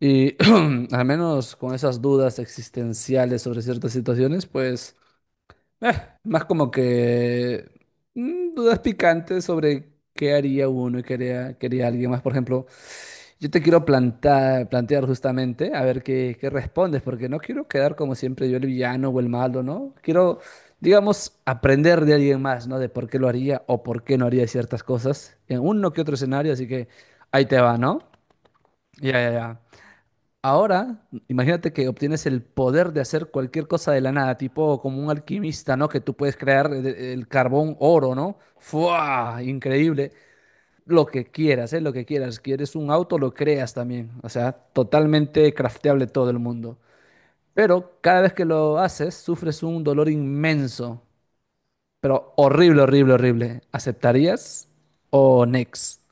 Y al menos con esas dudas existenciales sobre ciertas situaciones, pues eh, más como que dudas picantes sobre qué haría uno y qué haría alguien más. Por ejemplo, yo te quiero plantear justamente, a ver qué respondes, porque no quiero quedar como siempre yo el villano o el malo, ¿no? Quiero, digamos, aprender de alguien más, ¿no? De por qué lo haría o por qué no haría ciertas cosas en uno que otro escenario, así que ahí te va, ¿no? Ya, ya, ya. Ahora, imagínate que obtienes el poder de hacer cualquier cosa de la nada, tipo como un alquimista, ¿no? Que tú puedes crear el carbón oro, ¿no? ¡Fua! Increíble. Lo que quieras, ¿eh? Lo que quieras. Quieres un auto, lo creas también. O sea, totalmente crafteable todo el mundo. Pero cada vez que lo haces, sufres un dolor inmenso, pero horrible, horrible, horrible. ¿Aceptarías o next?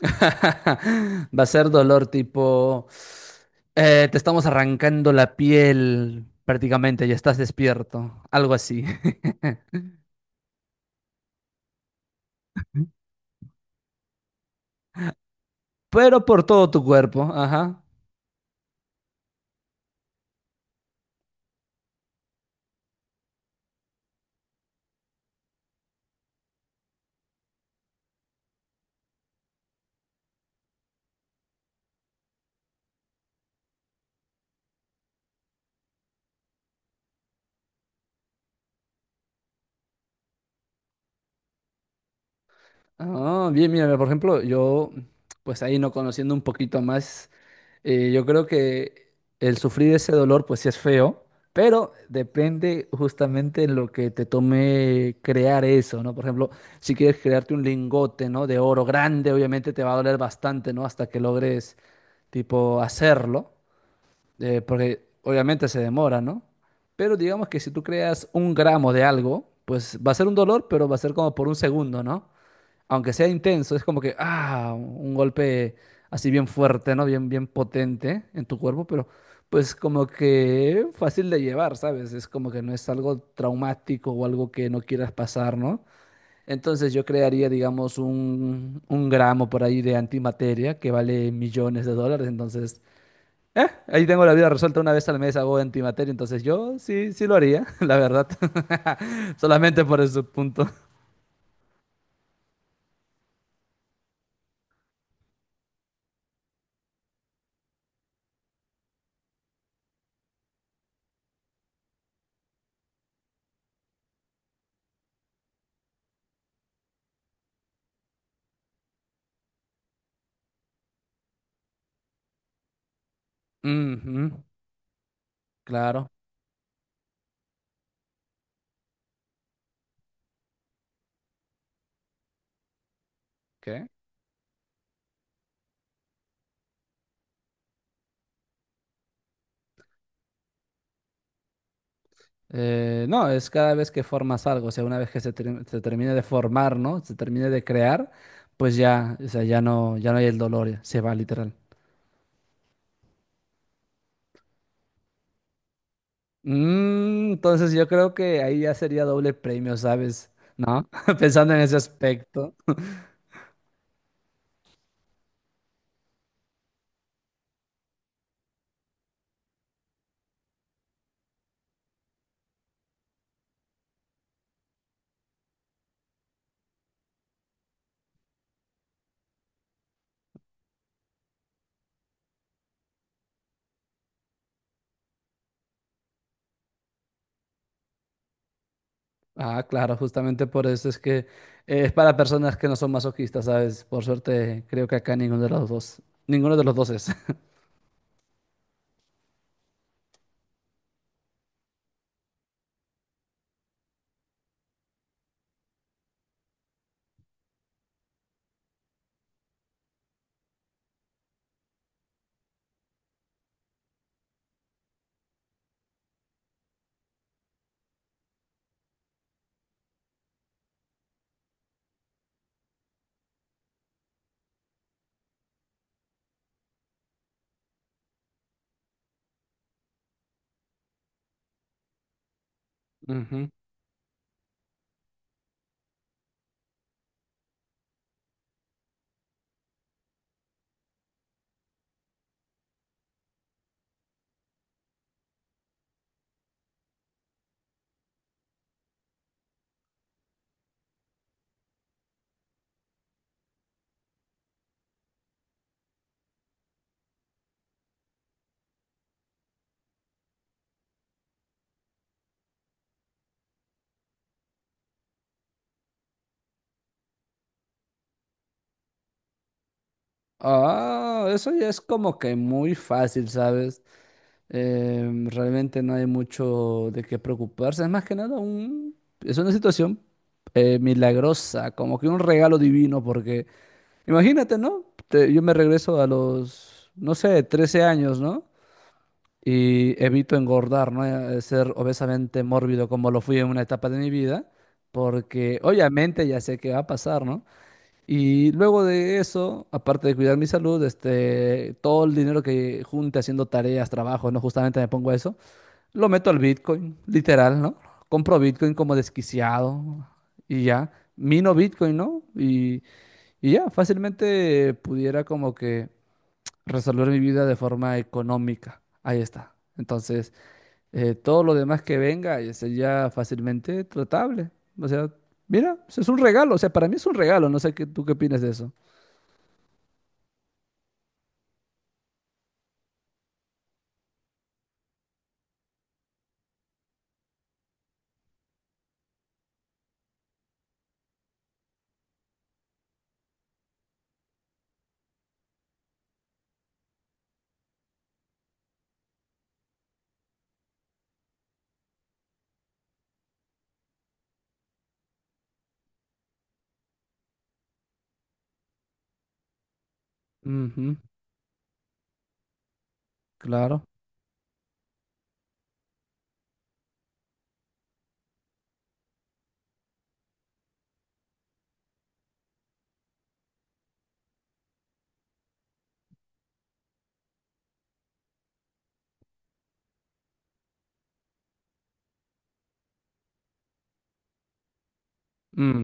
Va a ser dolor tipo, te estamos arrancando la piel prácticamente, ya estás despierto, algo así. Pero por todo tu cuerpo, ajá. Ah, bien, mira, por ejemplo, yo, pues ahí no conociendo un poquito más, yo creo que el sufrir ese dolor, pues sí es feo, pero depende justamente en lo que te tome crear eso, ¿no? Por ejemplo, si quieres crearte un lingote, ¿no? De oro grande, obviamente te va a doler bastante, ¿no? Hasta que logres, tipo, hacerlo, porque obviamente se demora, ¿no? Pero digamos que si tú creas un gramo de algo, pues va a ser un dolor, pero va a ser como por un segundo, ¿no? Aunque sea intenso, es como que, ah, un golpe así bien fuerte, ¿no? Bien, bien potente en tu cuerpo, pero pues como que fácil de llevar, ¿sabes? Es como que no es algo traumático o algo que no quieras pasar, ¿no? Entonces yo crearía, digamos, un gramo por ahí de antimateria que vale millones de dólares, entonces, ahí tengo la vida resuelta una vez al mes hago antimateria, entonces yo sí, sí lo haría, la verdad, solamente por ese punto. Ujú, claro. ¿Qué? No, es cada vez que formas algo, o sea, una vez que se termine de formar, ¿no? Se termine de crear, pues ya, o sea, ya no hay el dolor, ya, se va literal. Mm, entonces yo creo que ahí ya sería doble premio, ¿sabes? ¿No? Pensando en ese aspecto. Ah, claro, justamente por eso es que es para personas que no son masoquistas, ¿sabes? Por suerte, creo que acá ninguno de los dos es. Ujú. Ah, eso ya es como que muy fácil, ¿sabes? Realmente no hay mucho de qué preocuparse. Es más que nada es una situación milagrosa, como que un regalo divino, porque imagínate, ¿no? Yo me regreso a los, no sé, 13 años, ¿no? Y evito engordar, ¿no? Ser obesamente mórbido como lo fui en una etapa de mi vida, porque obviamente ya sé qué va a pasar, ¿no? Y luego de eso, aparte de cuidar mi salud, este, todo el dinero que junte haciendo tareas, trabajo, ¿no? Justamente me pongo a eso, lo meto al Bitcoin, literal, ¿no? Compro Bitcoin como desquiciado y ya. Mino Bitcoin, ¿no? Y ya, fácilmente pudiera como que resolver mi vida de forma económica. Ahí está. Entonces, todo lo demás que venga sería fácilmente tratable. O sea, mira, es un regalo. O sea, para mí es un regalo. No sé qué, tú qué opinas de eso. Ujú, claro. Mm,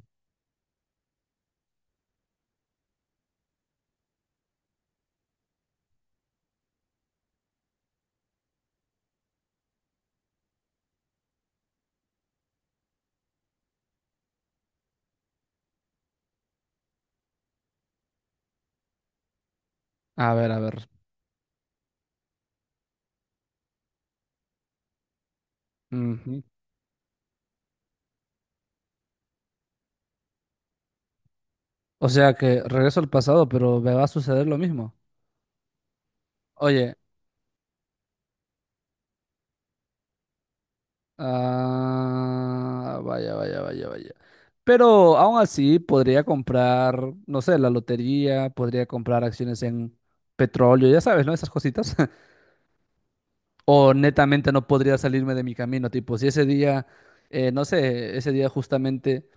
a ver, a ver. Ujú. O sea que regreso al pasado, pero me va a suceder lo mismo. Oye, ah, vaya, vaya, vaya, vaya. Pero aún así podría comprar, no sé, la lotería, podría comprar acciones en petróleo, ya sabes, ¿no? Esas cositas. O netamente no podría salirme de mi camino, tipo, si ese día, no sé, ese día justamente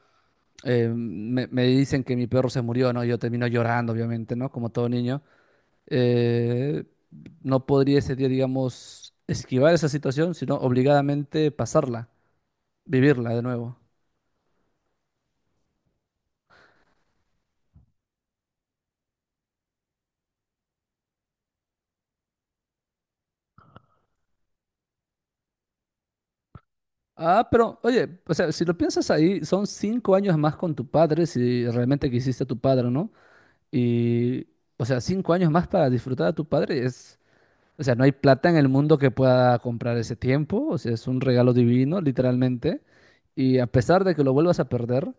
me dicen que mi perro se murió, ¿no? Yo termino llorando, obviamente, ¿no? Como todo niño. Eh, no podría ese día, digamos, esquivar esa situación, sino obligadamente pasarla, vivirla de nuevo. Ah, pero oye, o sea, si lo piensas ahí, son 5 años más con tu padre, si realmente quisiste a tu padre, ¿no? Y, o sea, 5 años más para disfrutar a tu padre es, o sea, no hay plata en el mundo que pueda comprar ese tiempo, o sea, es un regalo divino, literalmente. Y a pesar de que lo vuelvas a perder,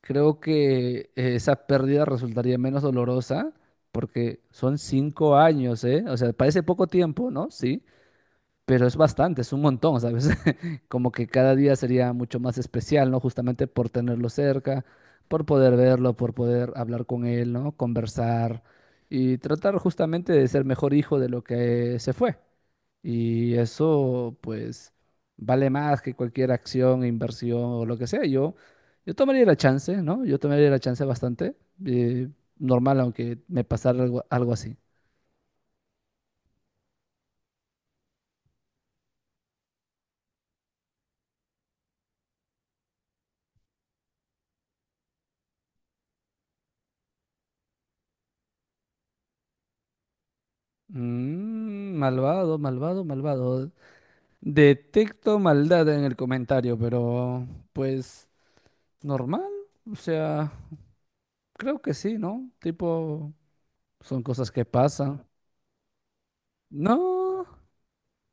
creo que esa pérdida resultaría menos dolorosa, porque son 5 años, ¿eh? O sea, parece poco tiempo, ¿no? Sí, pero es bastante, es un montón, ¿sabes? Como que cada día sería mucho más especial, ¿no? Justamente por tenerlo cerca, por poder verlo, por poder hablar con él, ¿no? Conversar y tratar justamente de ser mejor hijo de lo que se fue. Y eso, pues, vale más que cualquier acción, inversión o lo que sea. Yo tomaría la chance, ¿no? Yo tomaría la chance bastante, eh, normal, aunque me pasara algo, algo así. Mm, malvado, malvado, malvado. Detecto maldad en el comentario, pero pues normal, o sea, creo que sí, ¿no? Tipo, son cosas que pasan. No,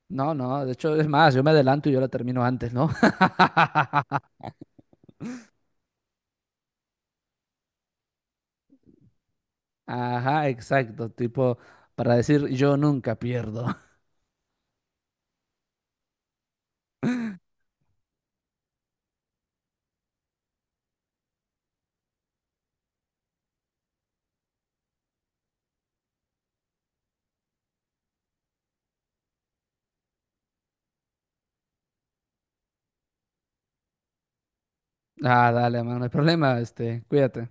no, no, de hecho es más, yo me adelanto y yo la termino antes, ¿no? Ajá, exacto, tipo, para decir yo nunca pierdo. Ah, dale, man, no hay problema, este, cuídate.